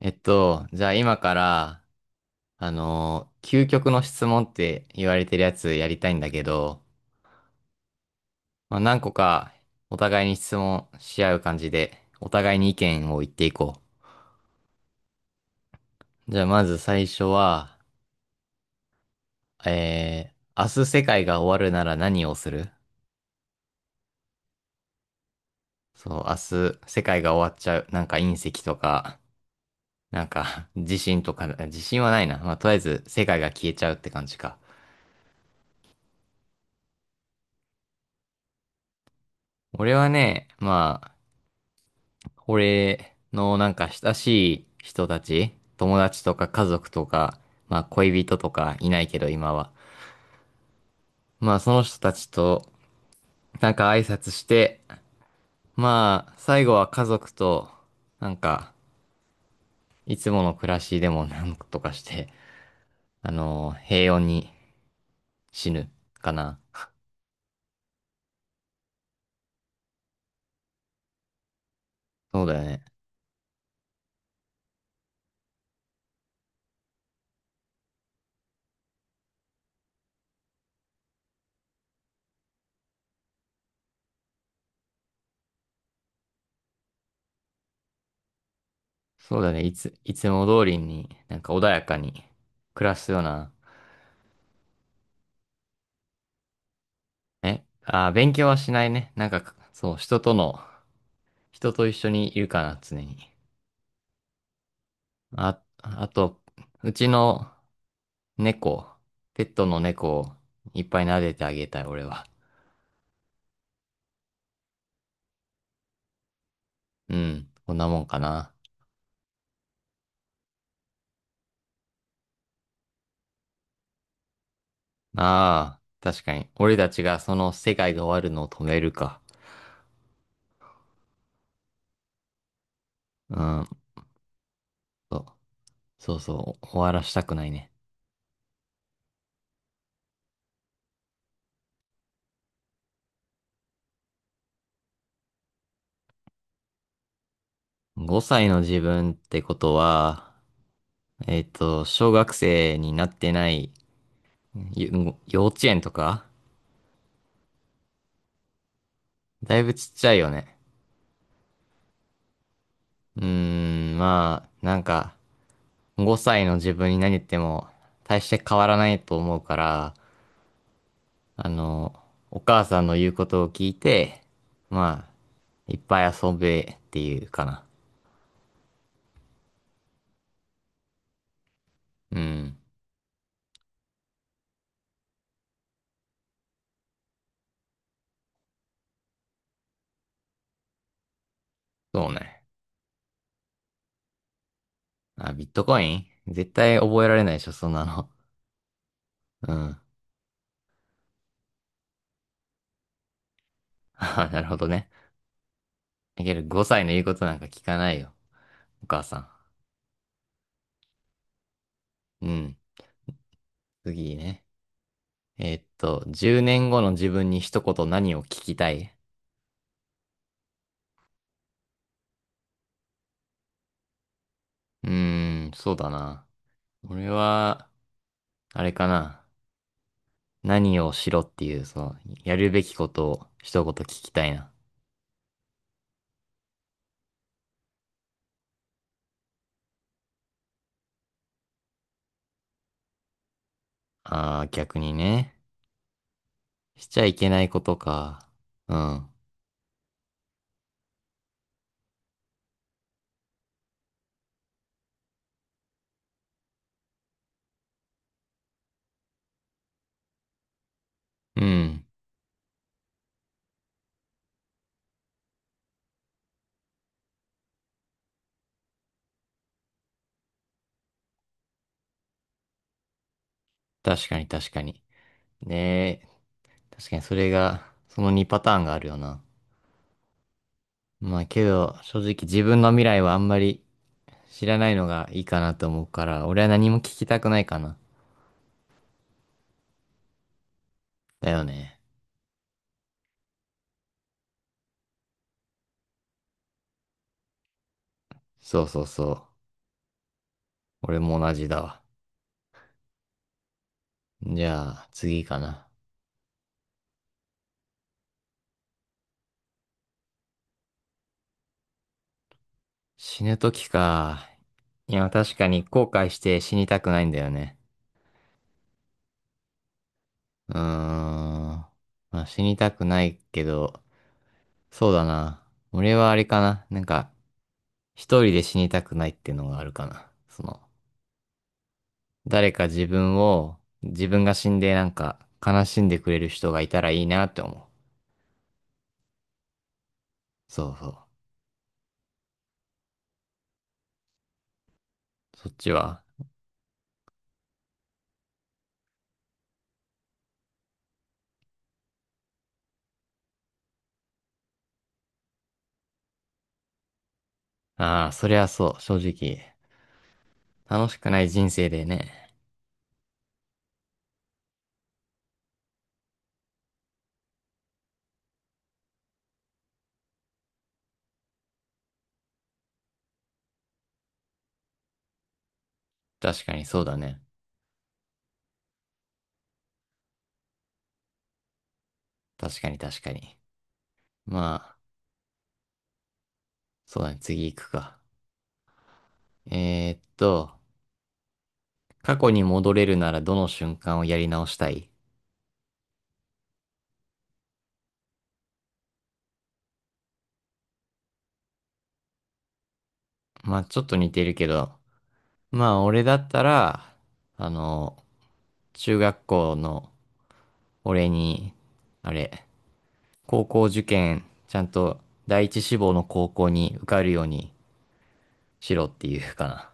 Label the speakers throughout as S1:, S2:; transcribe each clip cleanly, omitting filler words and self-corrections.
S1: じゃあ今から、究極の質問って言われてるやつやりたいんだけど、まあ、何個かお互いに質問し合う感じで、お互いに意見を言っていこう。じゃあまず最初は、明日世界が終わるなら何をする？そう、明日世界が終わっちゃう。なんか隕石とか、なんか 地震とか、地震はないな。まあ、とりあえず世界が消えちゃうって感じか。俺はね、まあ、俺のなんか親しい人たち、友達とか家族とか、まあ恋人とかいないけど今は。まあその人たちとなんか挨拶して、まあ最後は家族となんかいつもの暮らしでもなんとかして、平穏に死ぬかな。そうだよね。そうだね。いつも通りになんか穏やかに暮らすような。え、勉強はしないね。なんかそう、人と一緒にいるかな、常に。あ、あと、うちの猫、ペットの猫をいっぱい撫でてあげたい、俺は。うん、こんなもんかな。ああ、確かに。俺たちがその世界が終わるのを止めるか。うん、そうそうそう、終わらしたくないね。5歳の自分ってことは、小学生になってない、ゆ幼稚園とかだいぶちっちゃいよね。うーまあ、なんか、5歳の自分に何言っても大して変わらないと思うから、あの、お母さんの言うことを聞いて、まあ、いっぱい遊べっていうかな。うん。そうね。あ、ビットコイン絶対覚えられないでしょ、そんなの。うん。あ、なるほどね。だけど5歳の言うことなんか聞かないよ、お母さん。うん。次ね。10年後の自分に一言何を聞きたい？うーそうだな。俺は、あれかな。何をしろっていう、やるべきことを一言聞きたいな。ああ、逆にね。しちゃいけないことか。うん。うん。確かに確かに。ねえ、確かにそれが、その2パターンがあるよな。まあけど、正直自分の未来はあんまり知らないのがいいかなと思うから、俺は何も聞きたくないかな。だよね。そうそうそう。俺も同じだわ。じゃあ、次かな。死ぬ時か。いや、確かに後悔して死にたくないんだよね。うーん。まあ、死にたくないけど、そうだな。俺はあれかな。なんか、一人で死にたくないっていうのがあるかな。誰か自分を、自分が死んでなんか悲しんでくれる人がいたらいいなって思う。そうそう。そっちは。ああ、そりゃそう、正直。楽しくない人生でね。確かにそうだね。確かに確かに。まあ、そうだね、次行くか。えーっと、過去に戻れるならどの瞬間をやり直したい？まあちょっと似てるけど、まあ俺だったら、あの、中学校の俺に、あれ、高校受験、ちゃんと第一志望の高校に受かるようにしろっていうかな。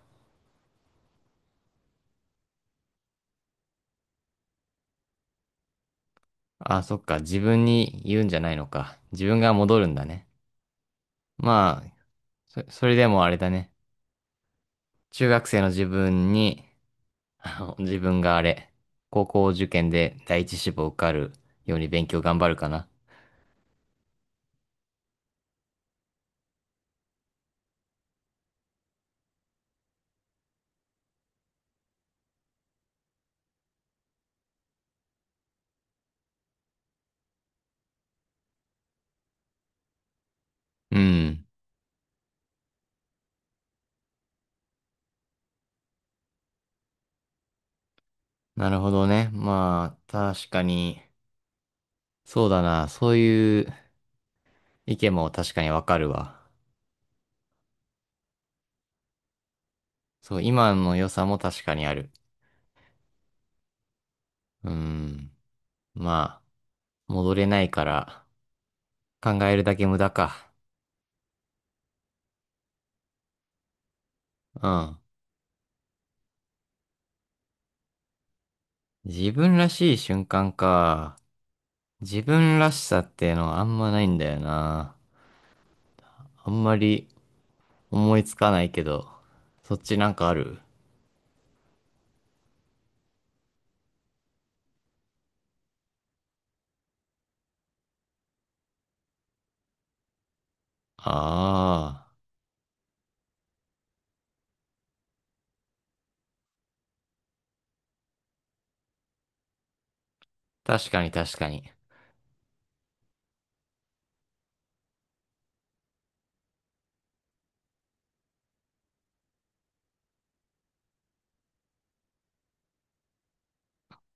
S1: あ、そっか、自分に言うんじゃないのか。自分が戻るんだね。まあ、それでもあれだね。中学生の自分にあの自分が高校受験で第一志望受かるように勉強頑張るかな。うん。なるほどね。まあ、確かに、そうだな。そういう意見も確かにわかるわ。そう、今の良さも確かにある。うん。まあ、戻れないから、考えるだけ無駄か。うん。自分らしい瞬間か。自分らしさってのはあんまないんだよな。あんまり思いつかないけど、そっちなんかある？ああー、確かに確かに。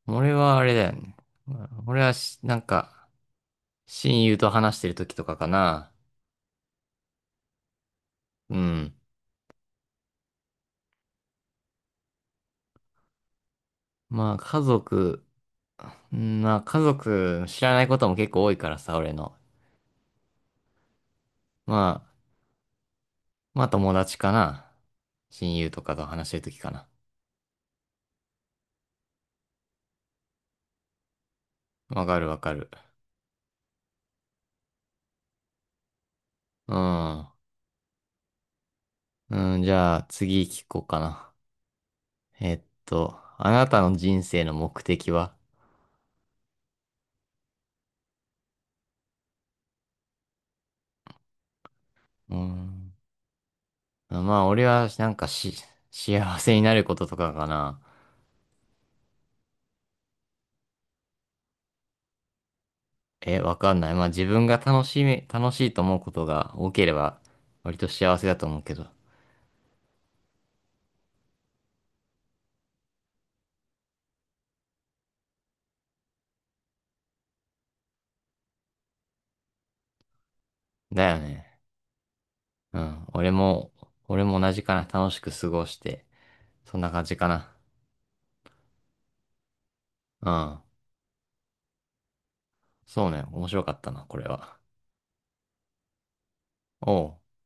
S1: 俺はあれだよね。俺は、なんか、親友と話してる時とかかな。うん。まあ、家族、うんまあ、家族知らないことも結構多いからさ、俺の。まあ、まあ、友達かな。親友とかと話してる時かな。わかるわかる。うん。うん、じゃあ次聞こうかな。えっあなたの人生の目的は？うんまあ、俺は、なんかし、幸せになることとかかな。え、わかんない。まあ、自分が楽しいと思うことが多ければ、割と幸せだと思うけど。だよね。うん。俺も同じかな。楽しく過ごして。そんな感じかな。うん。そうね。面白かったな、これは。おう。